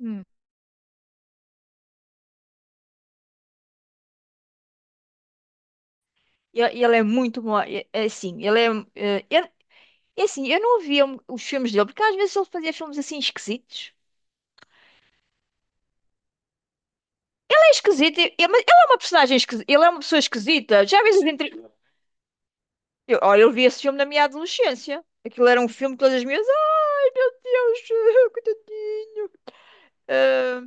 Hum. E ele é muito bom. É assim, ele é. Eh, eu- é assim, eu não via um, os filmes dele, porque às vezes ele fazia filmes assim esquisitos. Ele é esquisito, mas ele é uma personagem esquisita. Ele é uma pessoa esquisita. Já às vezes. Entre... Eu, olha, eu vi esse filme na minha adolescência. Aquilo era um filme de todas as minhas. Ai, meu Deus, coitadinho. Ah,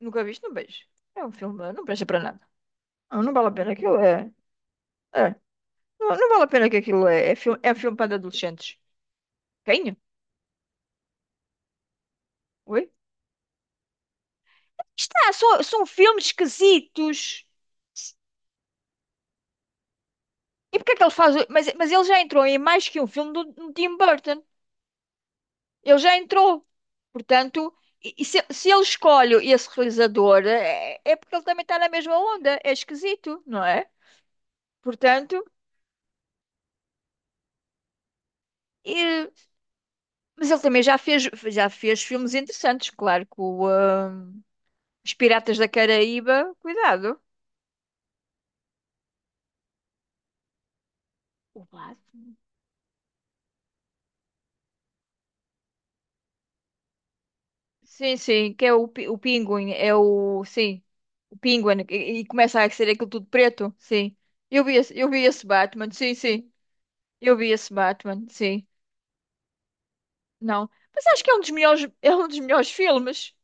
nunca viste? Não vejo. É um filme, não presta para nada. Não, não vale a pena, aquilo é. É. Não, não vale a pena, que aquilo é. É filme para adolescentes. Quem? Oi? Está, são filmes esquisitos. E porque é que ele faz. Mas ele já entrou em mais que um filme do, do Tim Burton. Ele já entrou. Portanto, e se ele escolhe esse realizador, é, é porque ele também está na mesma onda. É esquisito, não é? Portanto, e- mas ele também já fez filmes interessantes, claro, com Os Piratas da Caraíba. Cuidado. O Blasfemo. Sim, sim, que é o, o Pinguim. É o. Sim. O Penguin, e começa a ser aquilo tudo preto, sim. Eu vi esse Batman, sim, sim. Eu vi esse Batman, sim. Não. Mas acho que é um dos melhores, é um dos melhores filmes.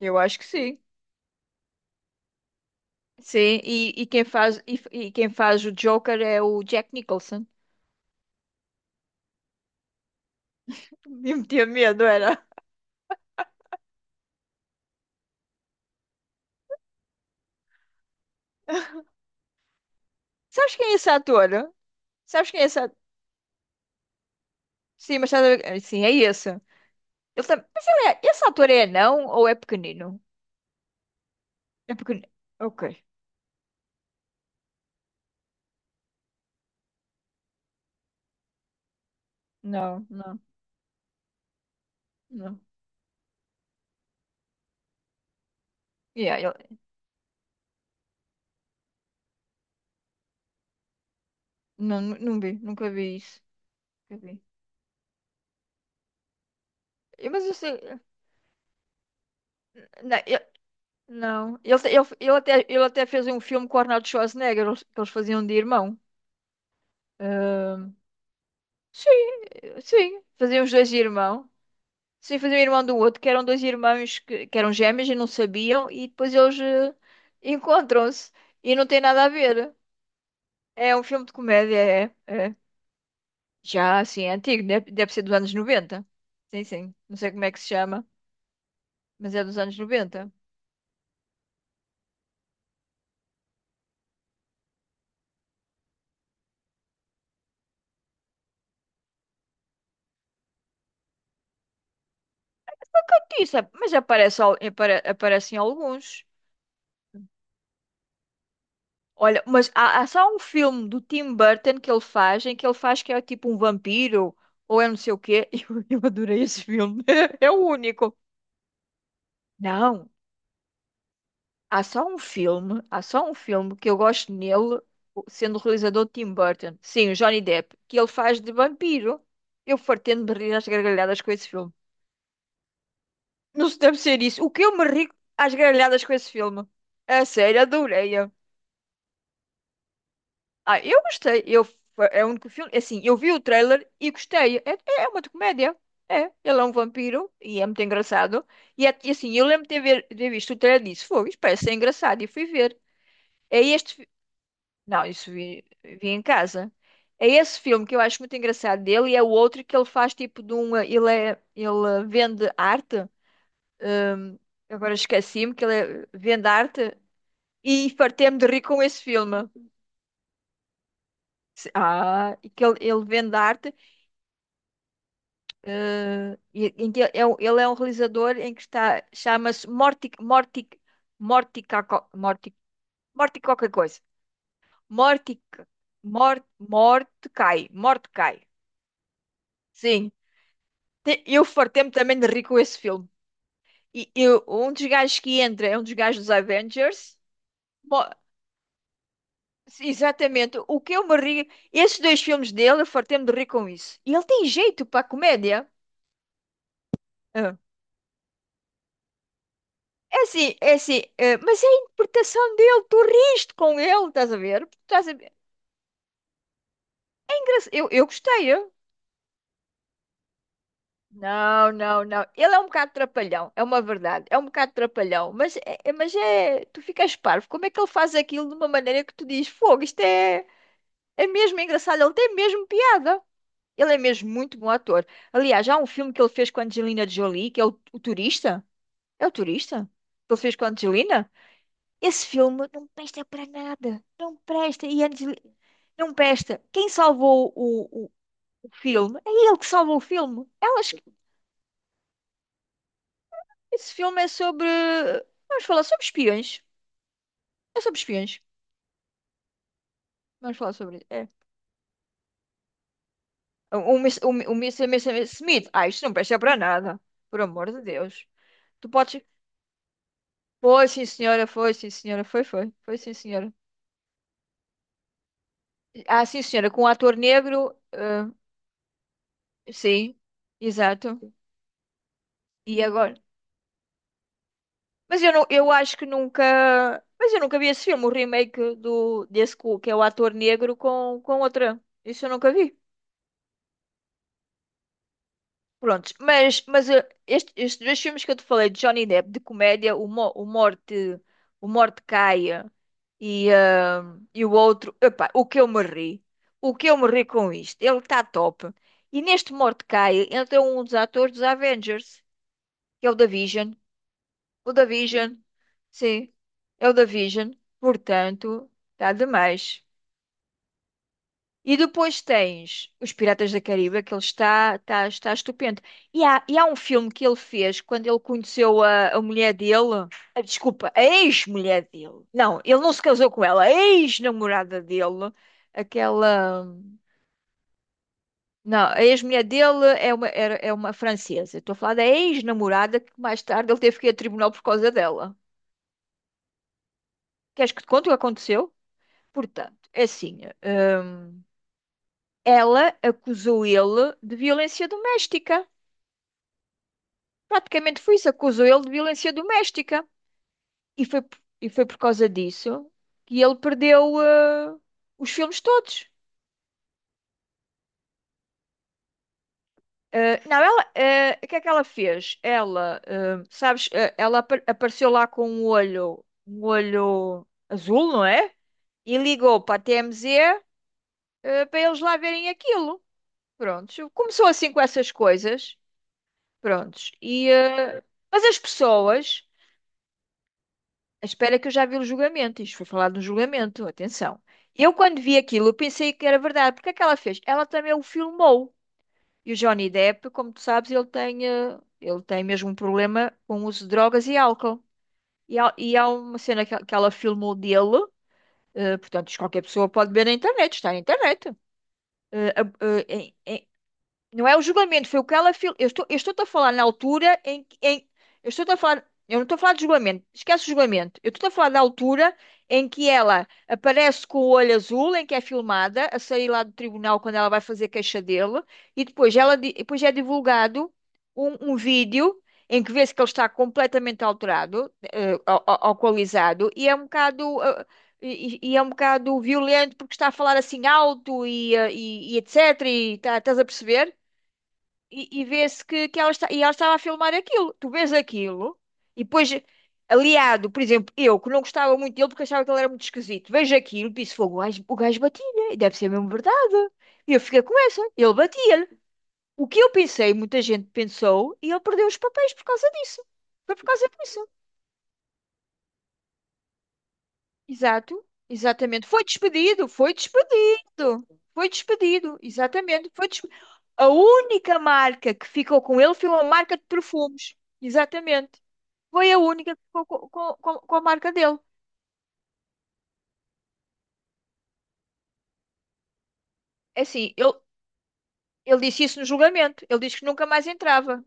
Eu acho que sim. Sim, e quem faz o Joker é o Jack Nicholson. Me metia medo, era. Sabes quem é esse ator? Sabes quem é esse ator? Sim, mas estás a ver- sim, é esse. Mas ele é... esse ator é não ou é pequenino? É pequenino. Ok. Não, não, não. Yeah, não, não vi, nunca vi isso. Nunca vi. Eu- mas eu sei. Não, não. Ele, te- ele, ele até fez um filme com o Arnold Schwarzenegger, que eles faziam de irmão. Ahm, sim, sim, faziam os dois de irmão. Sim, faziam irmão do outro, que eram dois irmãos que eram gêmeos e não sabiam, e depois eles encontram-se e não tem nada a ver. É um filme de comédia, é, é. Já assim, é antigo, deve, deve ser dos anos 90. Sim, sim. Não sei como é que se chama, mas é dos anos 90. Isso, mas aparece, aparecem alguns. Olha, mas há, há só um filme do Tim Burton que ele faz, em que ele faz que é tipo um vampiro, ou é não sei o quê. Eu adorei esse filme. É o único. Não, há só um filme, há só um filme que eu gosto nele, sendo o realizador Tim Burton. Sim, o Johnny Depp, que ele faz de vampiro. Eu fartei-me de rir às gargalhadas com esse filme. Não se deve ser isso. O que eu me ri às gargalhadas com esse filme? A sério, adorei. Ah, eu gostei. Eu, é o único filme. Assim, eu vi o trailer e gostei. É, é uma comédia. É. Ele é um vampiro e é muito engraçado. E, e assim, eu lembro de ter, de ter visto o trailer e disse: foi, isto parece ser engraçado. E fui ver. É este. fi- Não, isso vi, vi em casa. É esse filme que eu acho muito engraçado dele e é o outro que ele faz tipo de um. Ele, é, ele vende arte. hum, Agora esqueci-me que vende arte e fartei-me de rir com esse filme. Ah, e que ele vende arte. Em que ele é, ele é um realizador em que está, chama-se Morty, Morty, Morty, Morty qualquer coisa. Morty, Mordecai, Mordecai. Sim, eu fartei-me também de rir com esse filme. E eu, um dos gajos que entra é um dos gajos dos Avengers. Mo- Exatamente, o que eu me ri, esses dois filmes dele, eu fartei-me de rir com isso. E ele tem jeito para a comédia. Ah. É assim, mas é a interpretação dele, tu riste com ele, estás a ver? Estás a ver? Eu gostei, eu. Não, não, não. Ele é um bocado trapalhão, é uma verdade, é um bocado trapalhão, mas é, mas é, tu ficas parvo. Como é que ele faz aquilo de uma maneira que tu dizes, fogo, isto é, é mesmo engraçado, ele tem mesmo piada. Ele é mesmo muito bom ator. Aliás, há um filme que ele fez com a Angelina Jolie, que é o Turista. É o Turista? Que ele fez com a Angelina? Esse filme não presta para nada. Não presta. E antes, não presta. Quem salvou o filme é ele que salvou o filme. Elas, esse filme é sobre. Vamos falar sobre espiões. É sobre espiões. Vamos falar sobre isso. É. O, o, o Mr. Mr. Smith. Ah, isto não presta para nada. Por amor de Deus. Tu podes. Foi, sim, senhora. Foi, sim, senhora. Foi, foi. Foi, sim, senhora. Ah, sim, senhora. Com um ator negro. Sim. Exato. E agora? Mas eu, não, eu acho que nunca. Mas eu nunca vi esse filme, o remake do, desse cu, que é o ator negro com outra. Isso eu nunca vi. Prontos, mas estes dois filmes que eu te falei, de Johnny Depp, de comédia, o, o Morte Caia e, eh, e o outro, epá, o que eu me ri, o que eu me ri com isto, ele está top. E neste Morte Caia entra um dos atores dos Avengers, que é o da Vision. O da Vision. Sim. É o da Vision. Portanto, está demais. E depois tens Os Piratas da Caribe, que ele está, está, está estupendo. E há um filme que ele fez quando ele conheceu a mulher dele. Ah, desculpa, a ex-mulher dele. Não, ele não se casou com ela. A ex-namorada dele. Aquela. Não, a ex-mulher dele é uma, era, é uma francesa. Estou a falar da ex-namorada que mais tarde ele teve que ir a tribunal por causa dela. Queres que te conte o que aconteceu? Portanto, é assim, ela acusou ele de violência doméstica. Praticamente foi isso, acusou ele de violência doméstica. E foi, e foi por causa disso que ele perdeu os filmes todos. Não, ela, o que é que ela fez? Ela, sabes, ela apareceu lá com um olho azul, não é? E ligou para a TMZ, para eles lá verem aquilo. Pronto, começou assim com essas coisas. Prontos. Mas as pessoas, espera que eu já vi o julgamento, isto foi falado no julgamento, atenção. Eu, quando vi aquilo, eu pensei que era verdade. Porque é que ela fez? Ela também o filmou. E o Johnny Depp, como tu sabes, ele tem, ele tem mesmo um problema com o uso de drogas e álcool. E há uma cena que ela filmou dele, portanto, isto qualquer pessoa pode ver na internet, está na internet. eh, a- eh, em- Não é o julgamento, foi o que ela. Eu estou, eu estou-te a falar na altura em que. Eu estou-te a falar. Eu não estou a falar de julgamento, esquece o julgamento. Eu estou a falar da altura em que ela aparece com o olho azul, em que é filmada, a sair lá do tribunal quando ela vai fazer queixa dele, e depois, ela, depois é divulgado um, um vídeo em que vê-se que ele está completamente alterado, alcoolizado, e é um bocado. E, e é um bocado violento porque está a falar assim alto e e etc. E estás a perceber? E, e vê-se que ela está, e ela estava a filmar aquilo. Tu vês aquilo e depois, aliado, por exemplo, eu que não gostava muito dele porque achava que ele era muito esquisito, vejo aquilo e disse: fogo, o gajo batia-lhe, e deve ser mesmo verdade. E eu fiquei com essa, ele batia-lhe. O que eu pensei, muita gente pensou, e ele perdeu os papéis por causa disso. Foi por causa disso. Exato, exatamente. Foi despedido, foi despedido, foi despedido, exatamente. A única marca que ficou com ele foi uma marca de perfumes, exatamente. Foi a única que ficou com, a marca dele. É assim, ele disse isso no julgamento, ele disse que nunca mais entrava.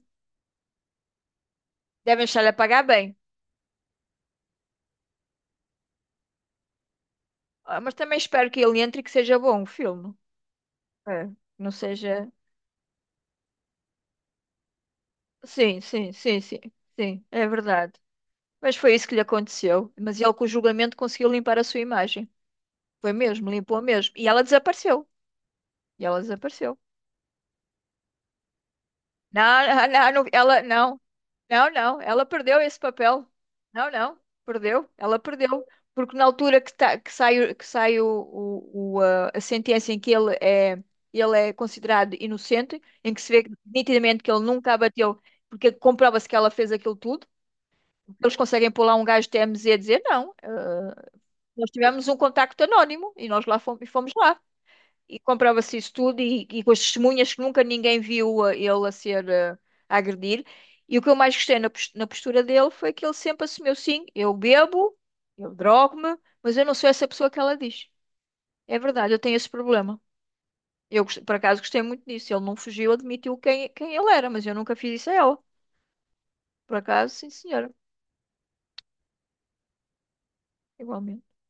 Devem estar a pagar bem. Ah, mas também espero que ele entre e que seja bom o filme. É, não seja. Sim, sim, sim, sim, sim, é verdade. Mas foi isso que lhe aconteceu. Mas ele, com o julgamento, conseguiu limpar a sua imagem. Foi mesmo, limpou mesmo. E ela desapareceu. E ela desapareceu. Não, não, não, não, ela não, não, não, ela perdeu esse papel. Não, não, perdeu, ela perdeu. Porque na altura que, tá, que sai, que sai o, a sentença em que ele é considerado inocente, em que se vê nitidamente que ele nunca abateu, porque comprova-se que ela fez aquilo tudo, eles conseguem pôr lá um gajo de TMZ a dizer não, nós tivemos um contacto anónimo e nós lá fomos, fomos lá. E comprova-se isso tudo e com as testemunhas que nunca ninguém viu ele a ser a agredir. E o que eu mais gostei na na postura dele foi que ele sempre assumiu, sim, eu bebo, eu drogo-me, mas eu não sou essa pessoa que ela diz. É verdade, eu tenho esse problema. Eu, por acaso, gostei muito disso. Ele não fugiu, admitiu quem, quem ele era, mas eu nunca fiz isso a ela. Por acaso, sim, senhora. Igualmente.